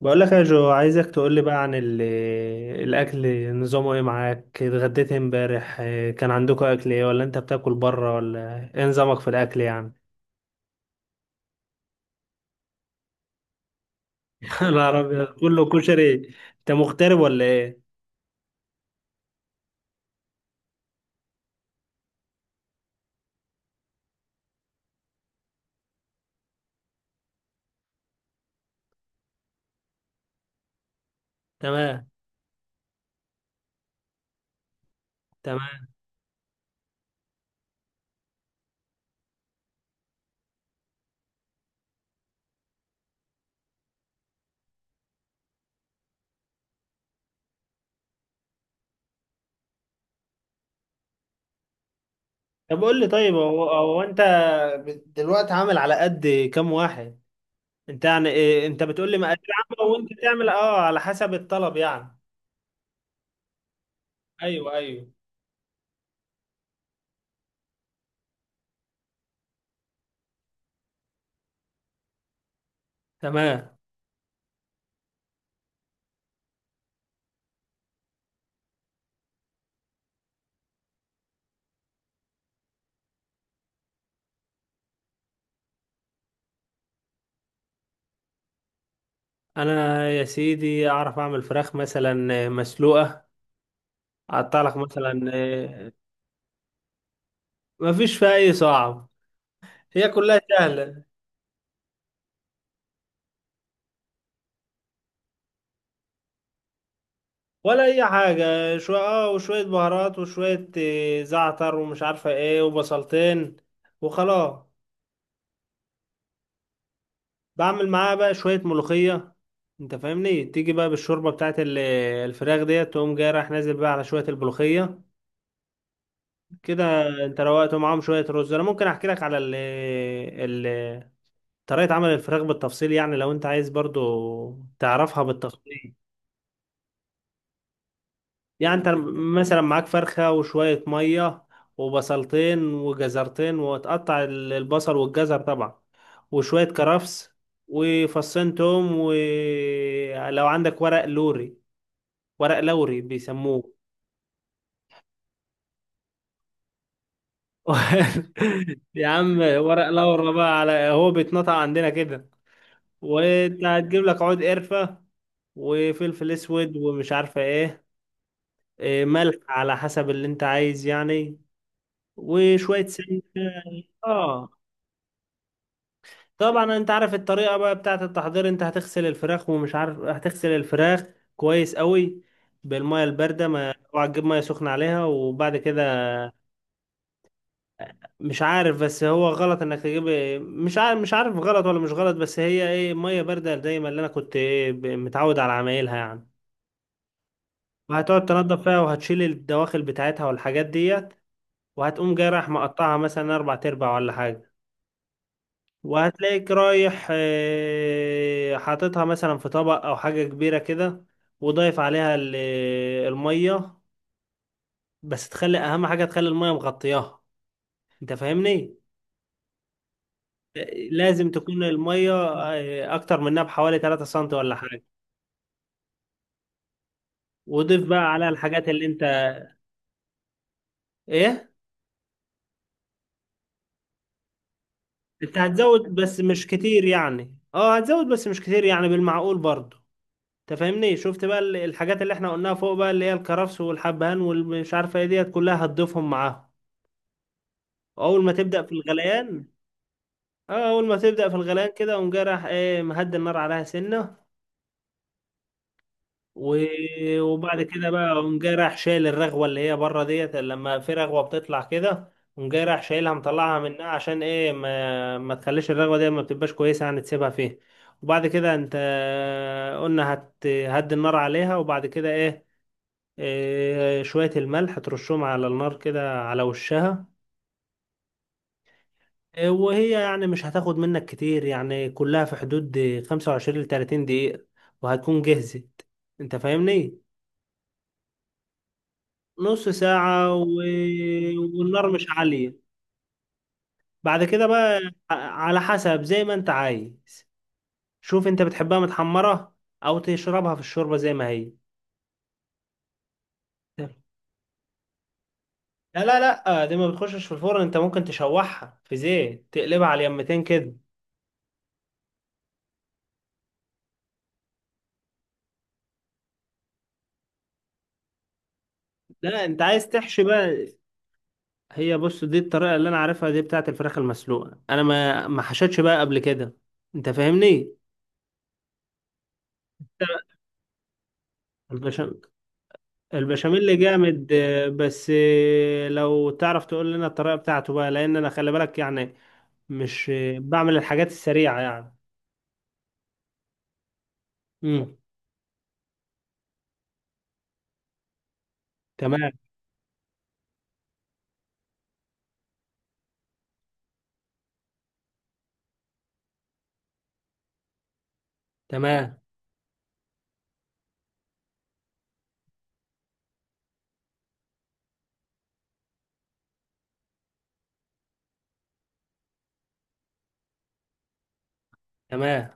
بقول لك يا جو، عايزك تقول لي بقى عن الاكل، نظامه ايه؟ معاك اتغديت إيه امبارح؟ كان عندكم اكل ايه، ولا انت بتاكل بره، ولا ايه نظامك في الاكل يعني؟ انا عربي كله كشري. انت مغترب ولا ايه؟ تمام، تمام. طب قول لي، طيب هو انت دلوقتي عامل على قد كام واحد؟ انت يعني إيه؟ انت بتقول لي مقادير عامه وانت تعمل اه على حسب الطلب يعني؟ ايوه ايوه. تمام. انا يا سيدي اعرف اعمل فراخ مثلا مسلوقه، حاطه لك مثلا ما فيش فيها اي صعب، هي كلها سهله. ولا اي حاجه، شويه اه وشويه بهارات وشويه، زعتر ومش عارفه ايه وبصلتين وخلاص. بعمل معاها بقى شويه ملوخيه. انت فاهمني؟ تيجي بقى بالشوربه بتاعت الفراخ ديت، تقوم جاي رايح نازل بقى على شويه الملوخيه. كده انت روقت معاهم شويه رز. انا ممكن احكي لك على ال طريقه عمل الفراخ بالتفصيل، يعني لو انت عايز برضو تعرفها بالتفصيل. يعني انت مثلا معاك فرخة وشوية مية وبصلتين وجزرتين، وتقطع البصل والجزر طبعا، وشوية كرفس وفصين توم، ولو عندك ورق لوري، ورق لوري بيسموه. يا عم ورق لورا بقى، على هو بيتنطق عندنا كده. وانت هتجيب لك عود قرفة وفلفل اسود ومش عارفة ايه، ملح على حسب اللي انت عايز يعني، وشوية سمنة. اه. طبعا انت عارف الطريقه بقى بتاعه التحضير، انت هتغسل الفراخ ومش عارف، هتغسل الفراخ كويس قوي بالميه البارده، ما اوعى تجيب ميه سخنه عليها. وبعد كده مش عارف، بس هو غلط انك تجيب، مش عارف مش عارف غلط ولا مش غلط، بس هي ايه، ميه بارده دايما اللي انا كنت ايه متعود على عمايلها يعني. وهتقعد تنضف فيها، وهتشيل الدواخل بتاعتها والحاجات ديت، وهتقوم جاي رايح مقطعها مثلا اربع تربع ولا حاجه. وهتلاقيك رايح حاططها مثلا في طبق او حاجة كبيرة كده، وضايف عليها المية. بس تخلي اهم حاجة، تخلي المية مغطياها. انت فاهمني؟ آه، لازم تكون المية اكتر منها بحوالي 3 سم ولا حاجة. وضيف بقى عليها الحاجات اللي انت، ايه؟ انت هتزود بس مش كتير يعني، اه هتزود بس مش كتير يعني، بالمعقول برضه. انت فاهمني؟ شفت بقى الحاجات اللي احنا قلناها فوق بقى، اللي هي الكرفس والحبهان والمش عارفة ايه ديت، كلها هتضيفهم معاهم اول ما تبدا في الغليان. اه اول ما تبدا في الغليان كده، قوم جاي راح ايه، مهدي النار عليها سنه و... وبعد كده بقى قوم جاي راح شايل الرغوه اللي هي بره ديت، لما في رغوه بتطلع كده، قوم جاي راح شايلها مطلعها منها، عشان ايه ما تخليش الرغوه دي، ما بتبقاش كويسه يعني تسيبها فيه. وبعد كده انت قلنا هت هدي النار عليها، وبعد كده ايه، شويه الملح ترشهم على النار كده على وشها. وهي يعني مش هتاخد منك كتير يعني، كلها في حدود 25 ل 30 دقيقة وهتكون جهزت. انت فاهمني؟ نص ساعة والنار مش عالية. بعد كده بقى على حسب زي ما انت عايز. شوف انت بتحبها متحمرة، او تشربها في الشوربة زي ما هي. لا لا لا، دي ما بتخشش في الفرن، انت ممكن تشوحها في زيت تقلبها على اليمتين كده. لا انت عايز تحشي بقى، هي بص، دي الطريقة اللي أنا عارفها دي، بتاعة الفراخ المسلوقة، أنا ما حشتش بقى قبل كده. أنت فاهمني؟ البشاميل. البشاميل جامد بس لو تعرف تقول لنا الطريقة بتاعته بقى، لأن أنا خلي بالك يعني، مش بعمل الحاجات السريعة يعني. امم. تمام. تمام. تمام.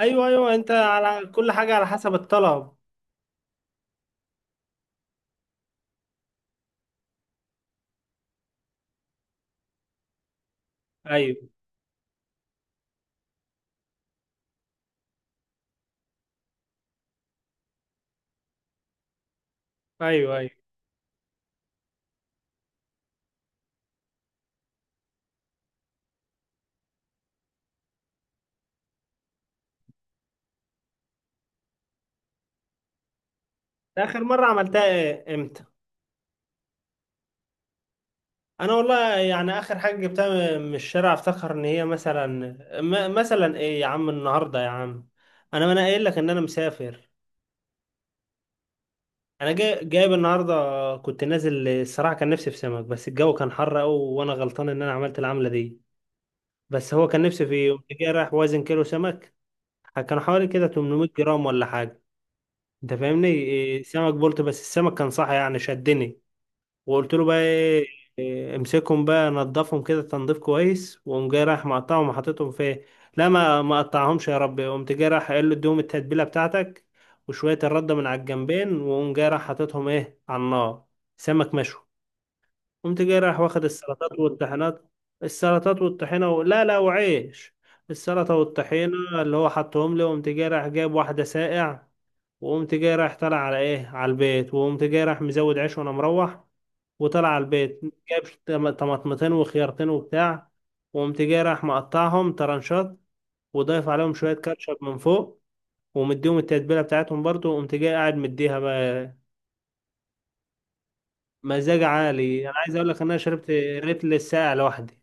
أيوه أيوه، أنت على كل حاجة على حسب الطلب. أيوه أيوه. أيوه. آخر مرة عملتها إيه؟ إمتى؟ انا والله يعني اخر حاجه جبتها من الشارع، افتكر ان هي مثلا، مثلا ايه يا عم، النهارده يا عم، انا ما انا قايل لك ان انا مسافر. انا جاي جايب النهارده، كنت نازل الصراحه، كان نفسي في سمك بس الجو كان حر قوي وانا غلطان ان انا عملت العمله دي. بس هو كان نفسي فيه، قمت جاي رايح وازن كيلو سمك، كان حوالي كده 800 جرام ولا حاجه. انت فاهمني؟ سمك بولت، بس السمك كان صح يعني، شدني وقلت له بقى ايه، امسكهم بقى نضفهم كده تنظيف كويس، وقوم جاي رايح مقطعهم وحاططهم في إيه؟ لا ما قطعهمش يا رب، قمت جاي رايح قايل له اديهم التتبيله بتاعتك وشويه الرده من على الجنبين، وقوم جاي رايح حاططهم ايه على النار. سمك مشوي. قمت جاي رايح واخد السلطات والطحينات، السلطات لا لا، وعيش، السلطه والطحينه، اللي هو حطهم لي. وقمت جاي رايح جايب واحده ساقع، وقمت جاي رايح طالع على ايه، على البيت. وقمت جاي رايح مزود عيش وانا مروح، وطلع على البيت. جاب طماطمتين وخيارتين وبتاع، وقمت جاي راح مقطعهم طرنشات، وضايف عليهم شوية كاتشب من فوق، ومديهم التتبيلة بتاعتهم برضو، وقمت جاي قاعد مديها بقى. مزاج عالي، انا عايز اقول لك ان انا شربت ريتل الساقع لوحدي.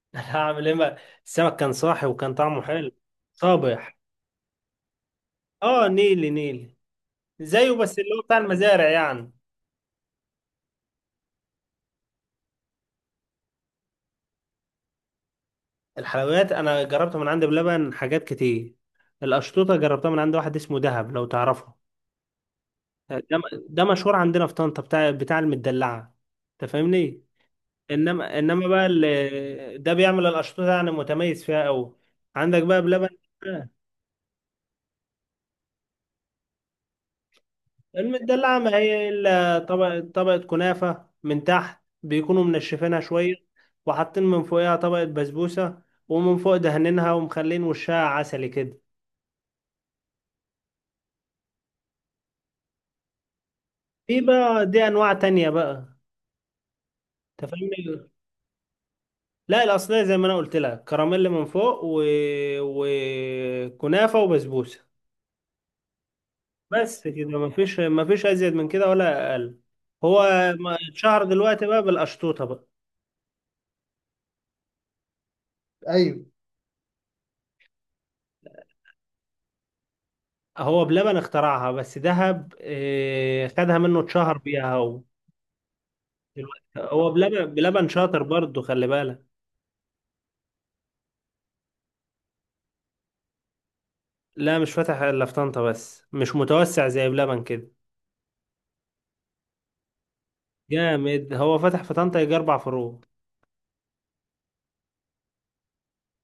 هعمل ايه بقى؟ السمك كان صاحي وكان طعمه حلو، صابح. اه، نيلي نيلي، زيه بس اللي هو بتاع المزارع يعني. الحلويات انا جربتها من عند بلبن حاجات كتير. القشطوطه جربتها من عند واحد اسمه دهب، لو تعرفه. ده ده مشهور عندنا في طنطا، بتاع بتاع المدلعه. انت فاهمني؟ انما بقى ده بيعمل الاشطوطه يعني، متميز فيها قوي. عندك بقى بلبن. المدلعه ما هي الا طبقه، طبقه كنافه من تحت بيكونوا منشفينها شويه، وحاطين من فوقها طبقه بسبوسه، ومن فوق دهنينها ومخلين وشها عسلي كده. في بقى دي انواع تانية بقى. انت فاهمني؟ لا الاصليه زي ما انا قلت لك، كراميل من فوق وكنافه وبسبوسه، بس كده، مفيش مفيش ازيد من كده ولا اقل. هو ما- اتشهر دلوقتي بقى بالقشطوطه بقى. ايوه. هو بلبن اخترعها، بس دهب خدها منه اتشهر بيها هو دلوقتي. هو بلبن شاطر برضه، خلي بالك. لا مش فاتح الا في طنطا بس، مش متوسع زي بلبن كده. جامد، هو فتح في طنطا يجي اربع فروع.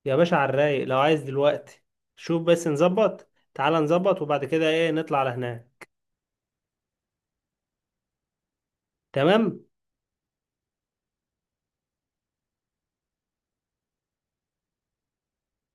يا باشا على الرايق، لو عايز دلوقتي شوف بس نظبط، تعال نظبط وبعد كده ايه نطلع على هناك. تمام.